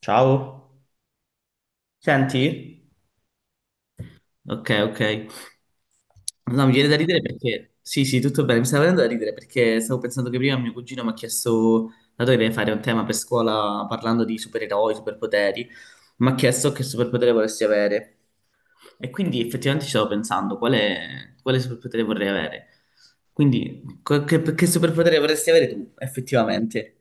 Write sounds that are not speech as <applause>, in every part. Ciao, senti? Ok, ok. No, mi viene da ridere perché. Sì, sì, tutto bene. Mi stava venendo da ridere perché stavo pensando che prima mio cugino mi ha chiesto, dato che deve fare un tema per scuola parlando di supereroi, superpoteri, mi ha chiesto che superpotere volessi avere. E quindi effettivamente ci stavo pensando, quale superpotere vorrei avere? Quindi, che superpotere vorresti avere tu, effettivamente?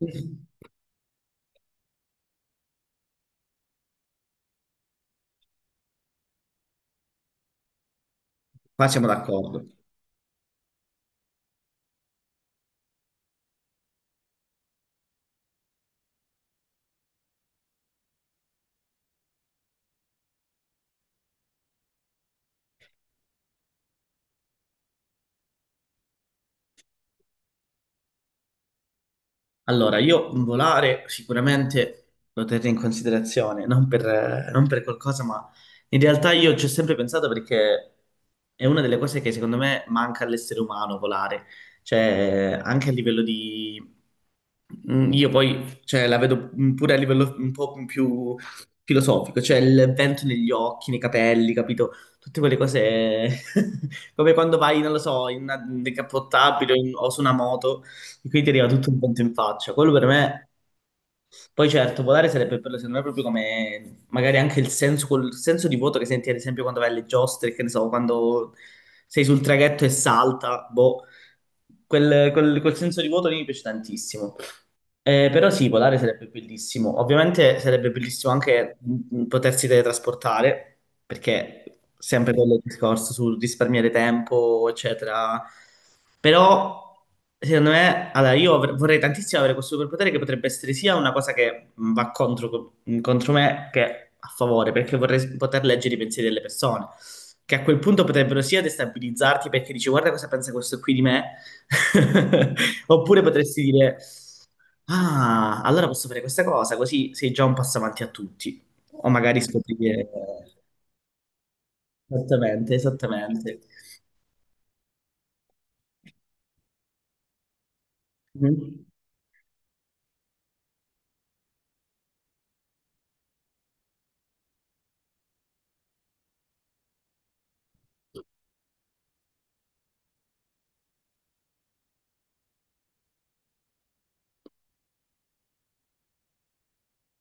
Sì. Qua siamo d'accordo. Allora, io volare sicuramente lo terrei in considerazione, non per qualcosa, ma in realtà io ci ho sempre pensato perché è una delle cose che secondo me manca all'essere umano volare, cioè anche a livello di. Io poi cioè, la vedo pure a livello un po' più filosofico, cioè il vento negli occhi, nei capelli, capito? Tutte quelle cose <laughs> come quando vai, non lo so, in una decappottabile o o su una moto. E quindi ti arriva tutto un vento in faccia. Quello per me, poi certo, volare sarebbe bello, secondo me, proprio come magari anche il senso, quel senso di vuoto che senti, ad esempio, quando vai alle giostre, che ne so, quando sei sul traghetto e salta, boh, quel senso di vuoto lì mi piace tantissimo. Però sì, volare sarebbe bellissimo. Ovviamente sarebbe bellissimo anche potersi teletrasportare, perché sempre quello il discorso sul risparmiare tempo, eccetera. Però, secondo me, allora io vorrei tantissimo avere questo superpotere che potrebbe essere sia una cosa che va contro, contro me che a favore, perché vorrei poter leggere i pensieri delle persone, che a quel punto potrebbero sia destabilizzarti perché dici guarda cosa pensa questo qui di me, <laughs> oppure potresti dire ah, allora posso fare questa cosa, così sei già un passo avanti a tutti, o magari scoprire esattamente, esattamente. Mhm.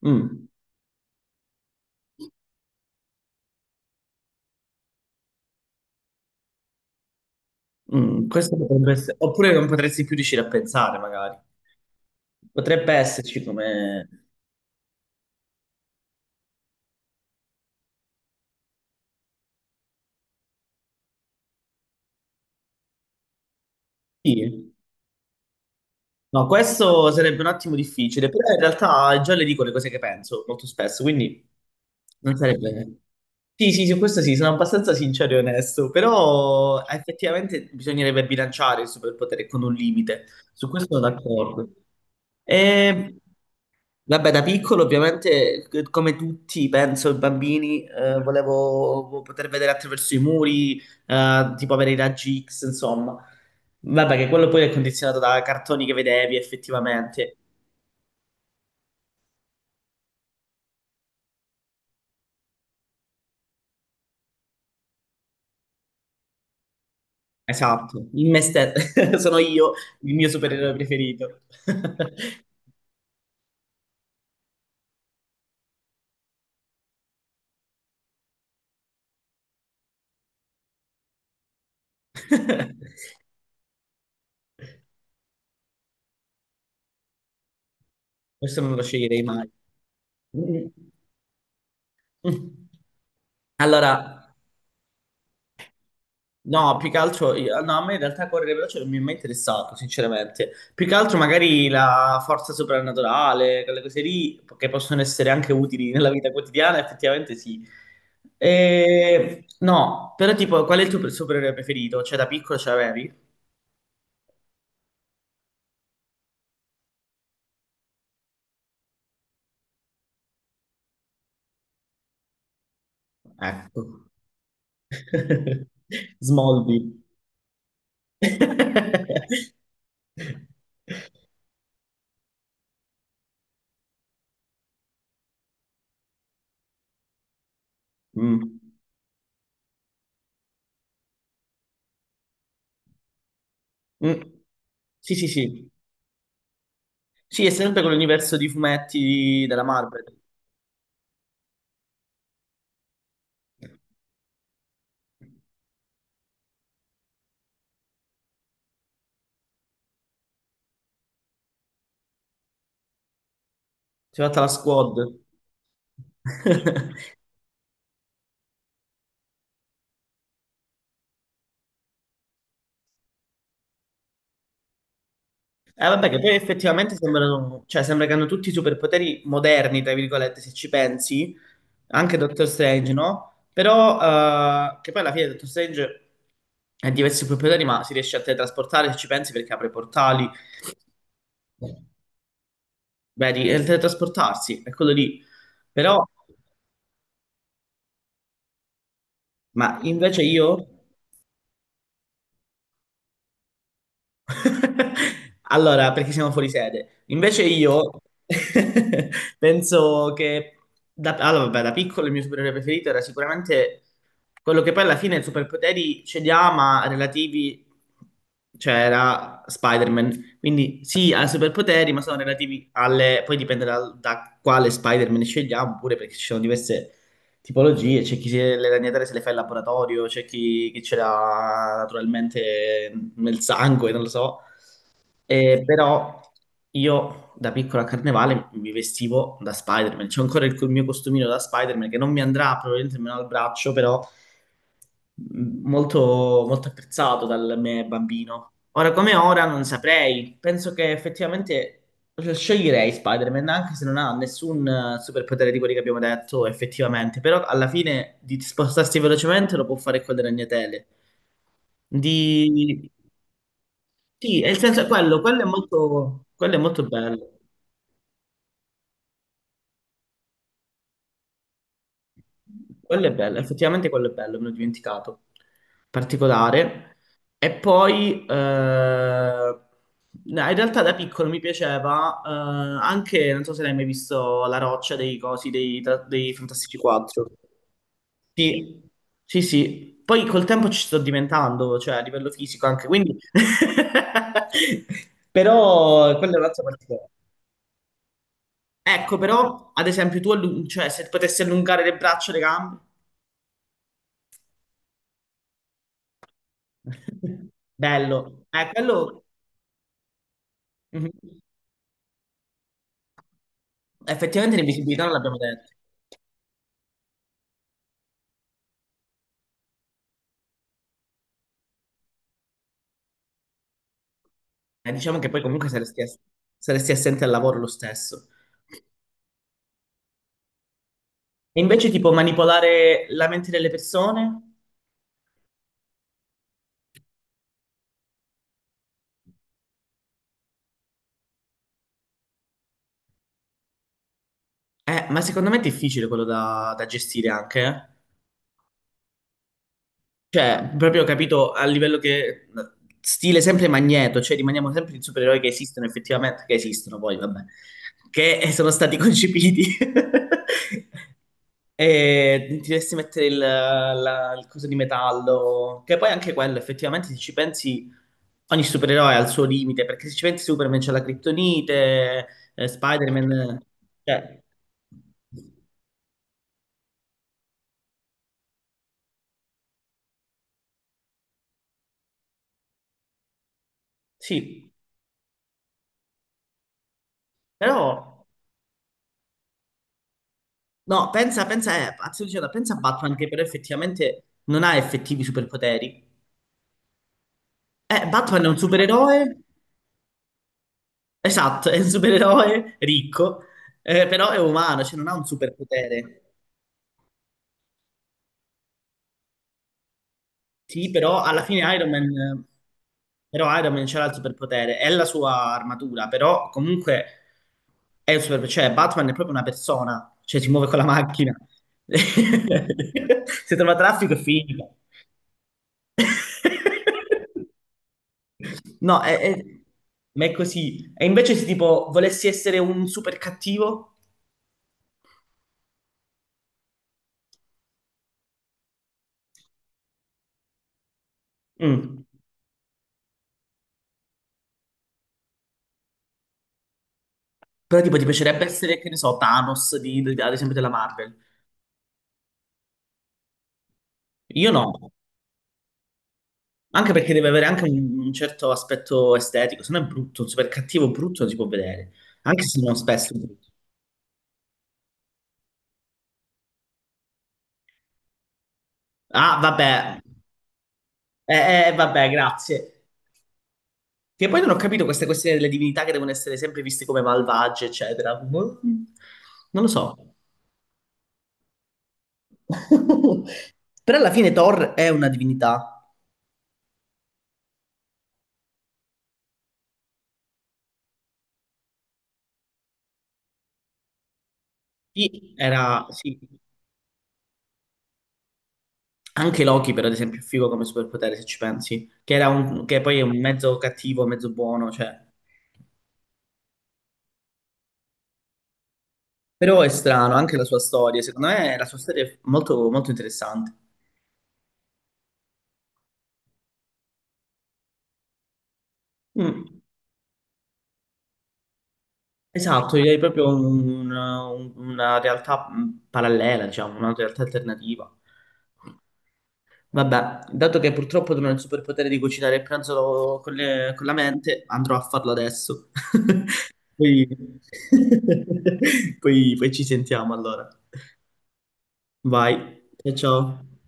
Mm. Mm, questo potrebbe essere, oppure non potresti più riuscire a pensare, magari. Potrebbe esserci come. Sì. No, questo sarebbe un attimo difficile, però in realtà già le dico le cose che penso molto spesso, quindi non sarebbe. Sì, sì, su questo sì, sono abbastanza sincero e onesto, però effettivamente bisognerebbe bilanciare il superpotere con un limite. Su questo sono d'accordo. Ehm, Vabbè, da piccolo ovviamente, come tutti, penso, i bambini, volevo poter vedere attraverso i muri, tipo avere i raggi X, insomma. Vabbè, che quello poi è condizionato da cartoni che vedevi effettivamente. Esatto, in me stesso, <laughs> sono io il mio supereroe preferito. <laughs> Questo non lo sceglierei mai. Allora, no, più che altro, io- no, a me in realtà correre veloce non mi è mai interessato, sinceramente. Più che altro magari la forza soprannaturale, quelle cose lì, che possono essere anche utili nella vita quotidiana, effettivamente sì. E. No, però tipo, qual è il tuo supereroe preferito? Cioè, da piccolo ce l'avevi? Ecco. <laughs> Smallville. <laughs> Mm. Mm. Sì, sì, sì. Sì, è sempre quell'universo di fumetti della Marvel. Si è fatta la squad. <laughs> Vabbè, che poi effettivamente sembrano, cioè, sembra che hanno tutti i superpoteri moderni, tra virgolette, se ci pensi, anche Doctor Strange, no? Però, che poi alla fine Doctor Strange ha diversi superpoteri, ma si riesce a teletrasportare, se ci pensi, perché apre portali. Vedi, è il teletrasportarsi, è quello lì. Però, ma invece io. <laughs> Allora, perché siamo fuori sede. Invece io <laughs> penso che da, allora, vabbè, da piccolo il mio supereroe preferito era sicuramente quello che poi alla fine superpoteri ce li ha, ma relativi, cioè era Spider-Man. Quindi sì, ha superpoteri, ma sono relativi alle. Poi dipende da quale Spider-Man scegliamo, pure perché ci sono diverse tipologie, c'è chi se le ragnatele se le fa in laboratorio, c'è chi, chi ce l'ha naturalmente nel sangue, non lo so. Però io da piccola a carnevale mi vestivo da Spider-Man. C'è ancora il mio costumino da Spider-Man che non mi andrà probabilmente meno al braccio, però molto, molto apprezzato dal me bambino. Ora come ora non saprei, penso che effettivamente sceglierei Spider-Man anche se non ha nessun superpotere di quelli che abbiamo detto effettivamente, però alla fine di spostarsi velocemente lo può fare con le ragnatele. Di. Sì, nel senso quello, quello è molto bello. Quello è bello, effettivamente quello è bello, me l'ho dimenticato. Particolare. E poi, no, in realtà da piccolo mi piaceva anche, non so se l'hai mai visto, La roccia dei cosi, dei Fantastici 4. Sì, sì, sì. Poi col tempo ci sto diventando, cioè a livello fisico anche, quindi. <laughs> Però quello è un'altra particolare. Ecco, però, ad esempio, tu, cioè, se potessi allungare le braccia e le gambe. Bello. Quello. Mhm. Effettivamente l'invisibilità non l'abbiamo detto. Diciamo che poi comunque saresti assente al lavoro lo stesso. E invece tipo manipolare la mente delle persone? Ma secondo me è difficile quello da gestire anche, eh. Cioè, proprio ho capito a livello che. Stile sempre Magneto, cioè rimaniamo sempre i supereroi che esistono effettivamente, che esistono poi, vabbè, che sono stati concepiti. <laughs> E ti dovresti mettere il coso di metallo, che poi anche quello, effettivamente, se ci pensi, ogni supereroe ha il suo limite, perché se ci pensi Superman c'ha la Kryptonite, Spider-Man, cioè, sì, però, no, pensa, pensa, pazzo dicendo, pensa a Batman, che però effettivamente non ha effettivi superpoteri. Batman è un supereroe, esatto, è un supereroe ricco, però è umano, cioè non ha un superpotere. Sì, però alla fine Iron Man, però Iron Man c'era il superpotere, è la sua armatura, però comunque è un super, cioè Batman è proprio una persona, cioè si muove con la macchina. <laughs> Se trova traffico è finita. <laughs> No, ma è così. E invece se tipo volessi essere un super cattivo, mm, però tipo ti piacerebbe essere, che ne so, Thanos ad esempio della Marvel. Io no. Anche perché deve avere anche un certo aspetto estetico, se no è brutto, super cattivo, brutto non si può vedere, anche se non spesso è brutto. Ah, vabbè, vabbè, grazie. Che poi non ho capito queste questioni delle divinità che devono essere sempre viste come malvagie, eccetera. Boh, non lo so. <laughs> Però alla fine Thor è una divinità. Sì, era, sì. Anche Loki, per ad esempio, è figo come superpotere, se ci pensi. Che poi è un mezzo cattivo, mezzo buono, cioè. Però è strano anche la sua storia, secondo me la sua storia è molto, molto interessante. Mm, esatto, direi proprio una realtà parallela, diciamo, una realtà alternativa. Vabbè, dato che purtroppo non ho il superpotere di cucinare il pranzo con con la mente, andrò a farlo adesso. <laughs> Poi, <laughs> poi ci sentiamo allora. Vai, ciao ciao.